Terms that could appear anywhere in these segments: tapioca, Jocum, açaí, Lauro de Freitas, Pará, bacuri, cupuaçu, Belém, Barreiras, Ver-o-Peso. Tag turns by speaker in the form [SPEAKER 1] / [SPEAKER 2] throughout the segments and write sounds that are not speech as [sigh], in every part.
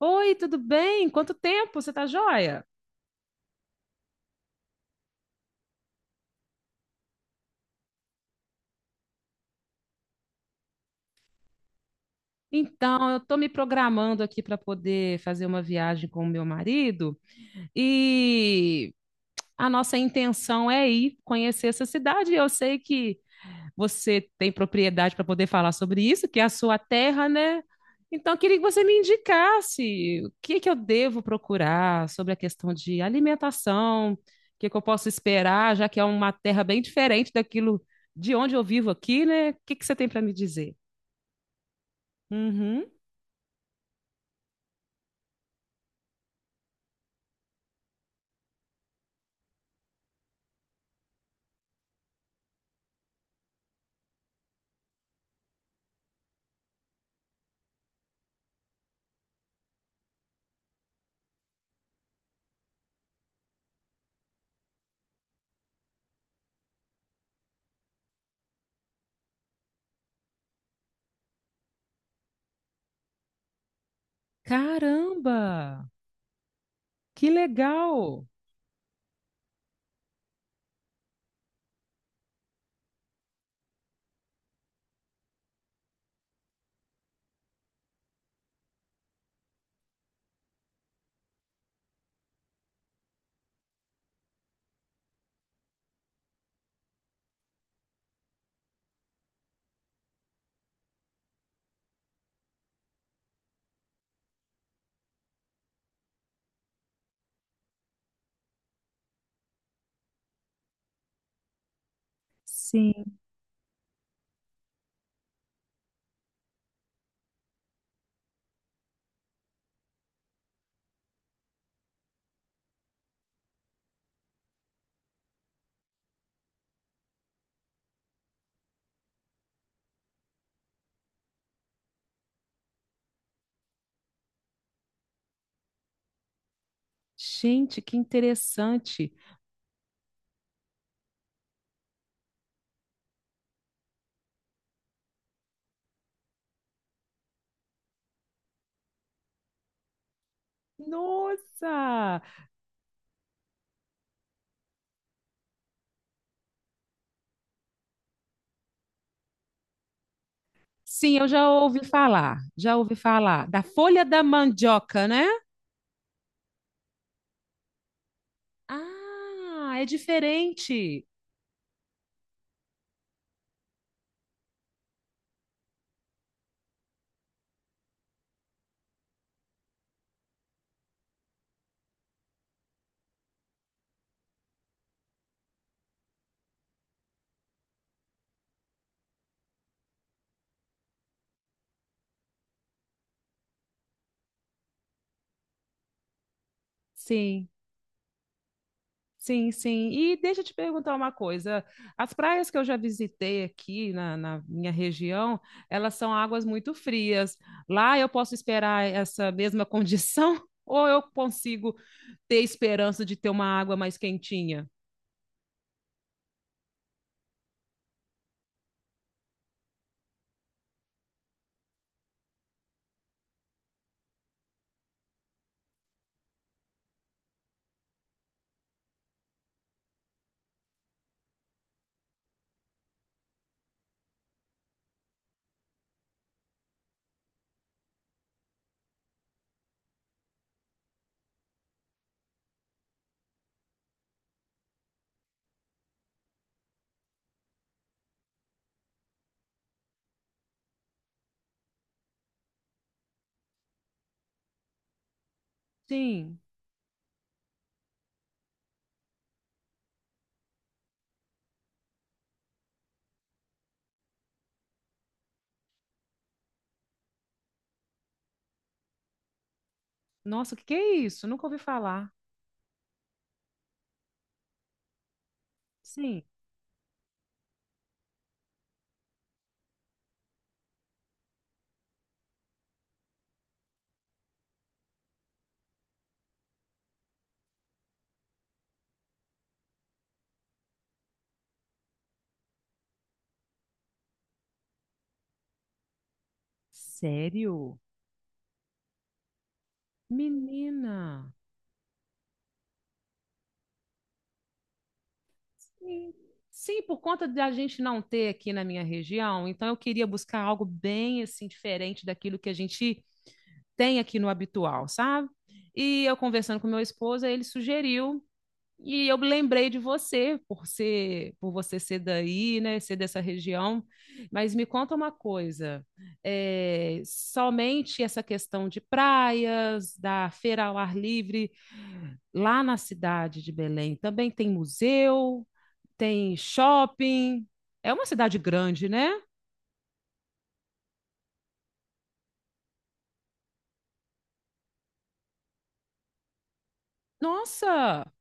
[SPEAKER 1] Oi, tudo bem? Quanto tempo? Você tá joia? Então, eu estou me programando aqui para poder fazer uma viagem com o meu marido e a nossa intenção é ir conhecer essa cidade. Eu sei que você tem propriedade para poder falar sobre isso, que é a sua terra, né? Então, eu queria que você me indicasse o que que eu devo procurar sobre a questão de alimentação, o que que eu posso esperar, já que é uma terra bem diferente daquilo de onde eu vivo aqui, né? O que que você tem para me dizer? Uhum. Caramba, que legal! Sim. Gente, que interessante! Nossa! Sim, eu já ouvi falar da folha da mandioca, né? Ah, é diferente. Sim, sim, sim. E deixa eu te perguntar uma coisa. As praias que eu já visitei aqui na minha região, elas são águas muito frias. Lá eu posso esperar essa mesma condição [laughs] ou eu consigo ter esperança de ter uma água mais quentinha? Sim. Nossa, o que que é isso? Nunca ouvi falar. Sim. Sério? Menina. Sim. Sim, por conta de a gente não ter aqui na minha região, então eu queria buscar algo bem assim diferente daquilo que a gente tem aqui no habitual, sabe? E eu conversando com meu esposo, aí ele sugeriu e eu me lembrei de você por ser, por você ser daí, né, ser dessa região. Mas me conta uma coisa, é, somente essa questão de praias, da feira ao ar livre lá na cidade de Belém também tem museu, tem shopping. É uma cidade grande, né? Nossa,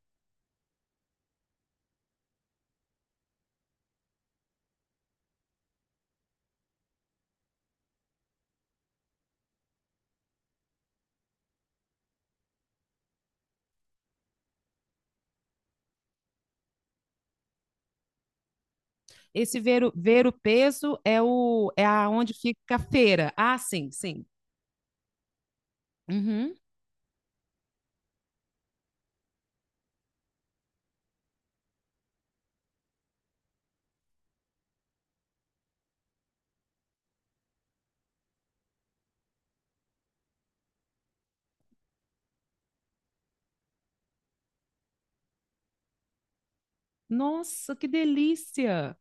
[SPEAKER 1] esse ver o, ver o peso é o é aonde fica a feira. Ah, sim, sim. Uhum. Nossa, que delícia!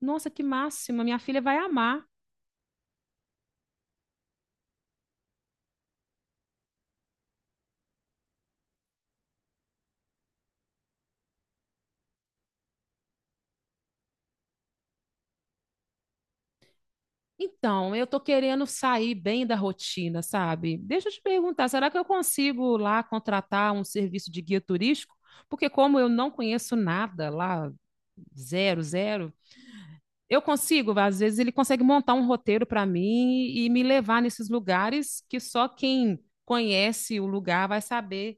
[SPEAKER 1] Nossa, que máxima! Minha filha vai amar. Então, eu tô querendo sair bem da rotina, sabe? Deixa eu te perguntar, será que eu consigo lá contratar um serviço de guia turístico? Porque como eu não conheço nada lá, zero, zero, eu consigo, às vezes ele consegue montar um roteiro para mim e me levar nesses lugares que só quem conhece o lugar vai saber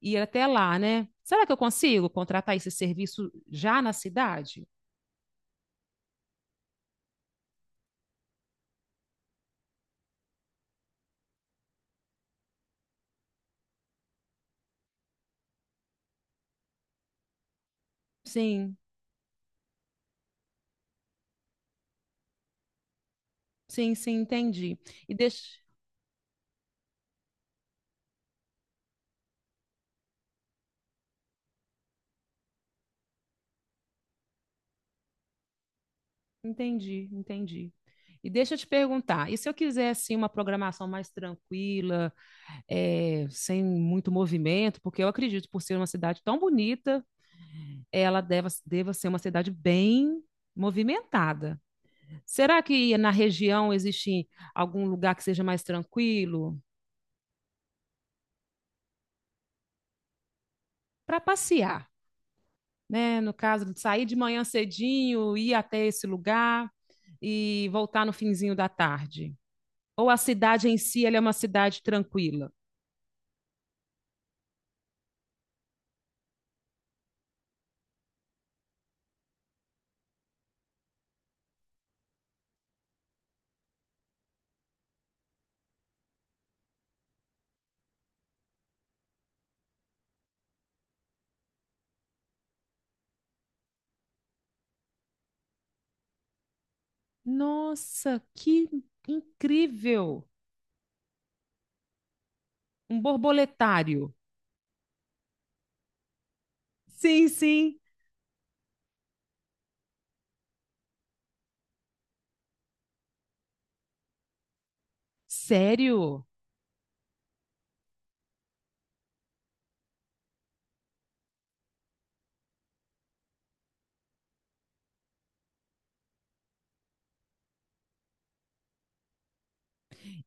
[SPEAKER 1] ir até lá, né? Será que eu consigo contratar esse serviço já na cidade? Sim, sim, sim, entendi. E deixa Entendi, entendi. E deixa eu te perguntar, e se eu quiser assim uma programação mais tranquila, sem muito movimento, porque eu acredito por ser uma cidade tão bonita, ela deva, deva ser uma cidade bem movimentada. Será que na região existe algum lugar que seja mais tranquilo para passear, né? No caso de sair de manhã cedinho, ir até esse lugar e voltar no finzinho da tarde. Ou a cidade em si, ela é uma cidade tranquila? Nossa, que incrível! Um borboletário. Sim, sim. Sério?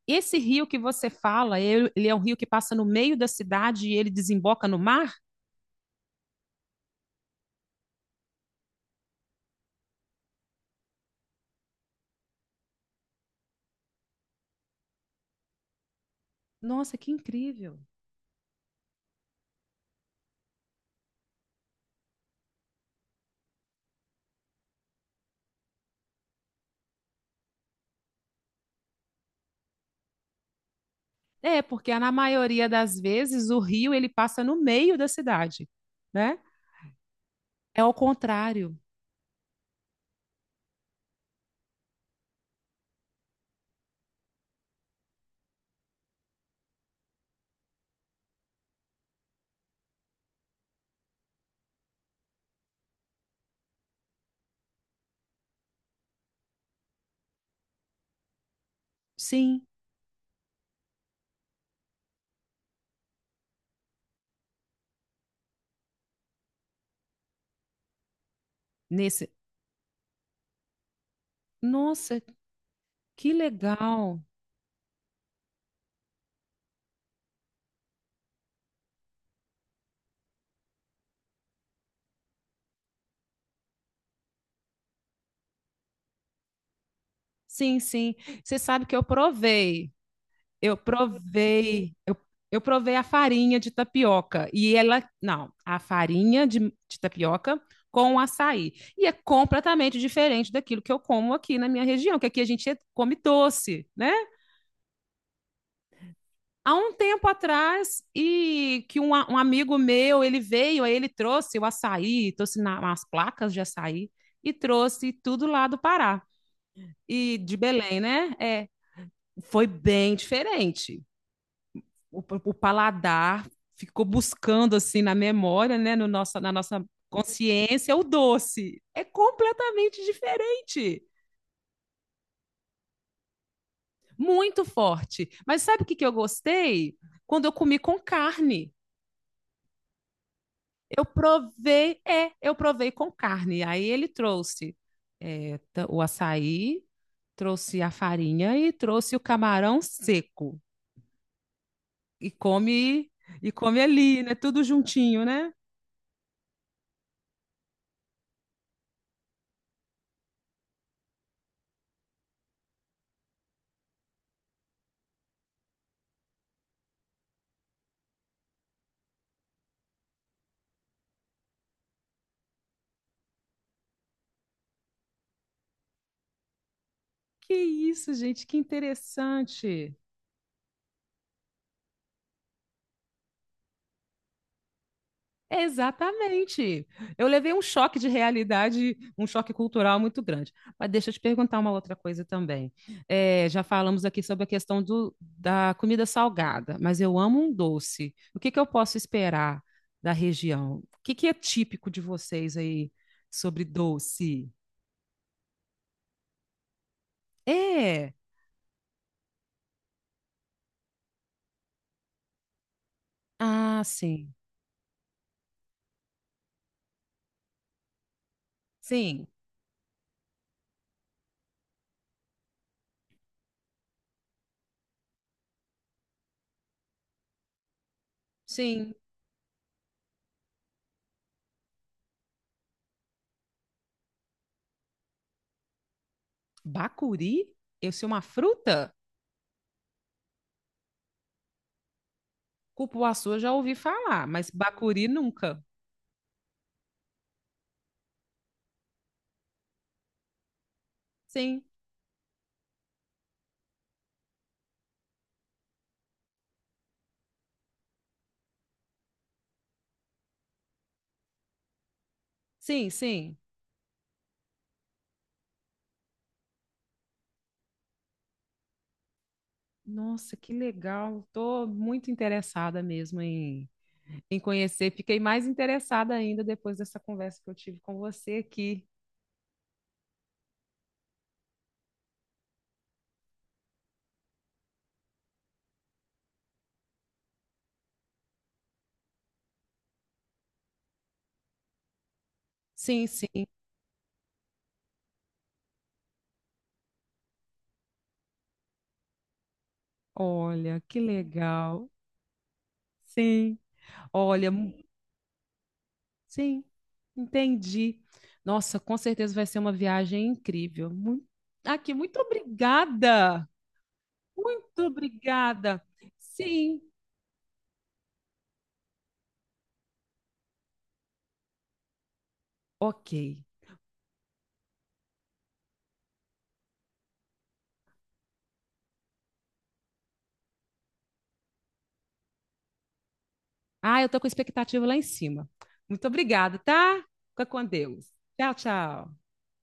[SPEAKER 1] Esse rio que você fala, ele é um rio que passa no meio da cidade e ele desemboca no mar? Nossa, que incrível. É, porque na maioria das vezes o rio ele passa no meio da cidade, né? É ao contrário. Sim, nesse. Nossa, que legal. Sim, sim. Você sabe que eu provei Eu provei, eu, eu provei a farinha de tapioca e ela, não, a farinha de tapioca com açaí. E é completamente diferente daquilo que eu como aqui na minha região, que aqui a gente come doce, né? Há um tempo atrás, e que um amigo meu, ele veio, aí ele trouxe o açaí, trouxe na, umas placas de açaí e trouxe tudo lá do Pará e de Belém, né? É, foi bem diferente. O paladar ficou buscando assim na memória, né, no nossa, na nossa consciência, o doce. É completamente diferente, muito forte. Mas sabe o que, que eu gostei? Quando eu comi com carne. Eu provei, é, eu provei com carne. Aí ele trouxe o açaí, trouxe a farinha e trouxe o camarão seco. E come, e come ali, né? Tudo juntinho, né? Que isso, gente, que interessante. Exatamente. Eu levei um choque de realidade, um choque cultural muito grande. Mas deixa eu te perguntar uma outra coisa também. É, já falamos aqui sobre a questão da comida salgada, mas eu amo um doce. O que que eu posso esperar da região? O que que é típico de vocês aí sobre doce? É. Ah, sim. Sim. Sim. Bacuri? Eu sou uma fruta? Cupuaçu eu já ouvi falar, mas bacuri nunca. Sim, sim, sim. Nossa, que legal. Tô muito interessada mesmo em, em conhecer. Fiquei mais interessada ainda depois dessa conversa que eu tive com você aqui. Sim, sim. Olha, que legal. Sim. Olha, mu- sim. Entendi. Nossa, com certeza vai ser uma viagem incrível. Muito... Aqui, muito obrigada. Muito obrigada. Sim. Ok. Ah, eu tô com expectativa lá em cima. Muito obrigada, tá? Fica com Deus. Tchau, tchau.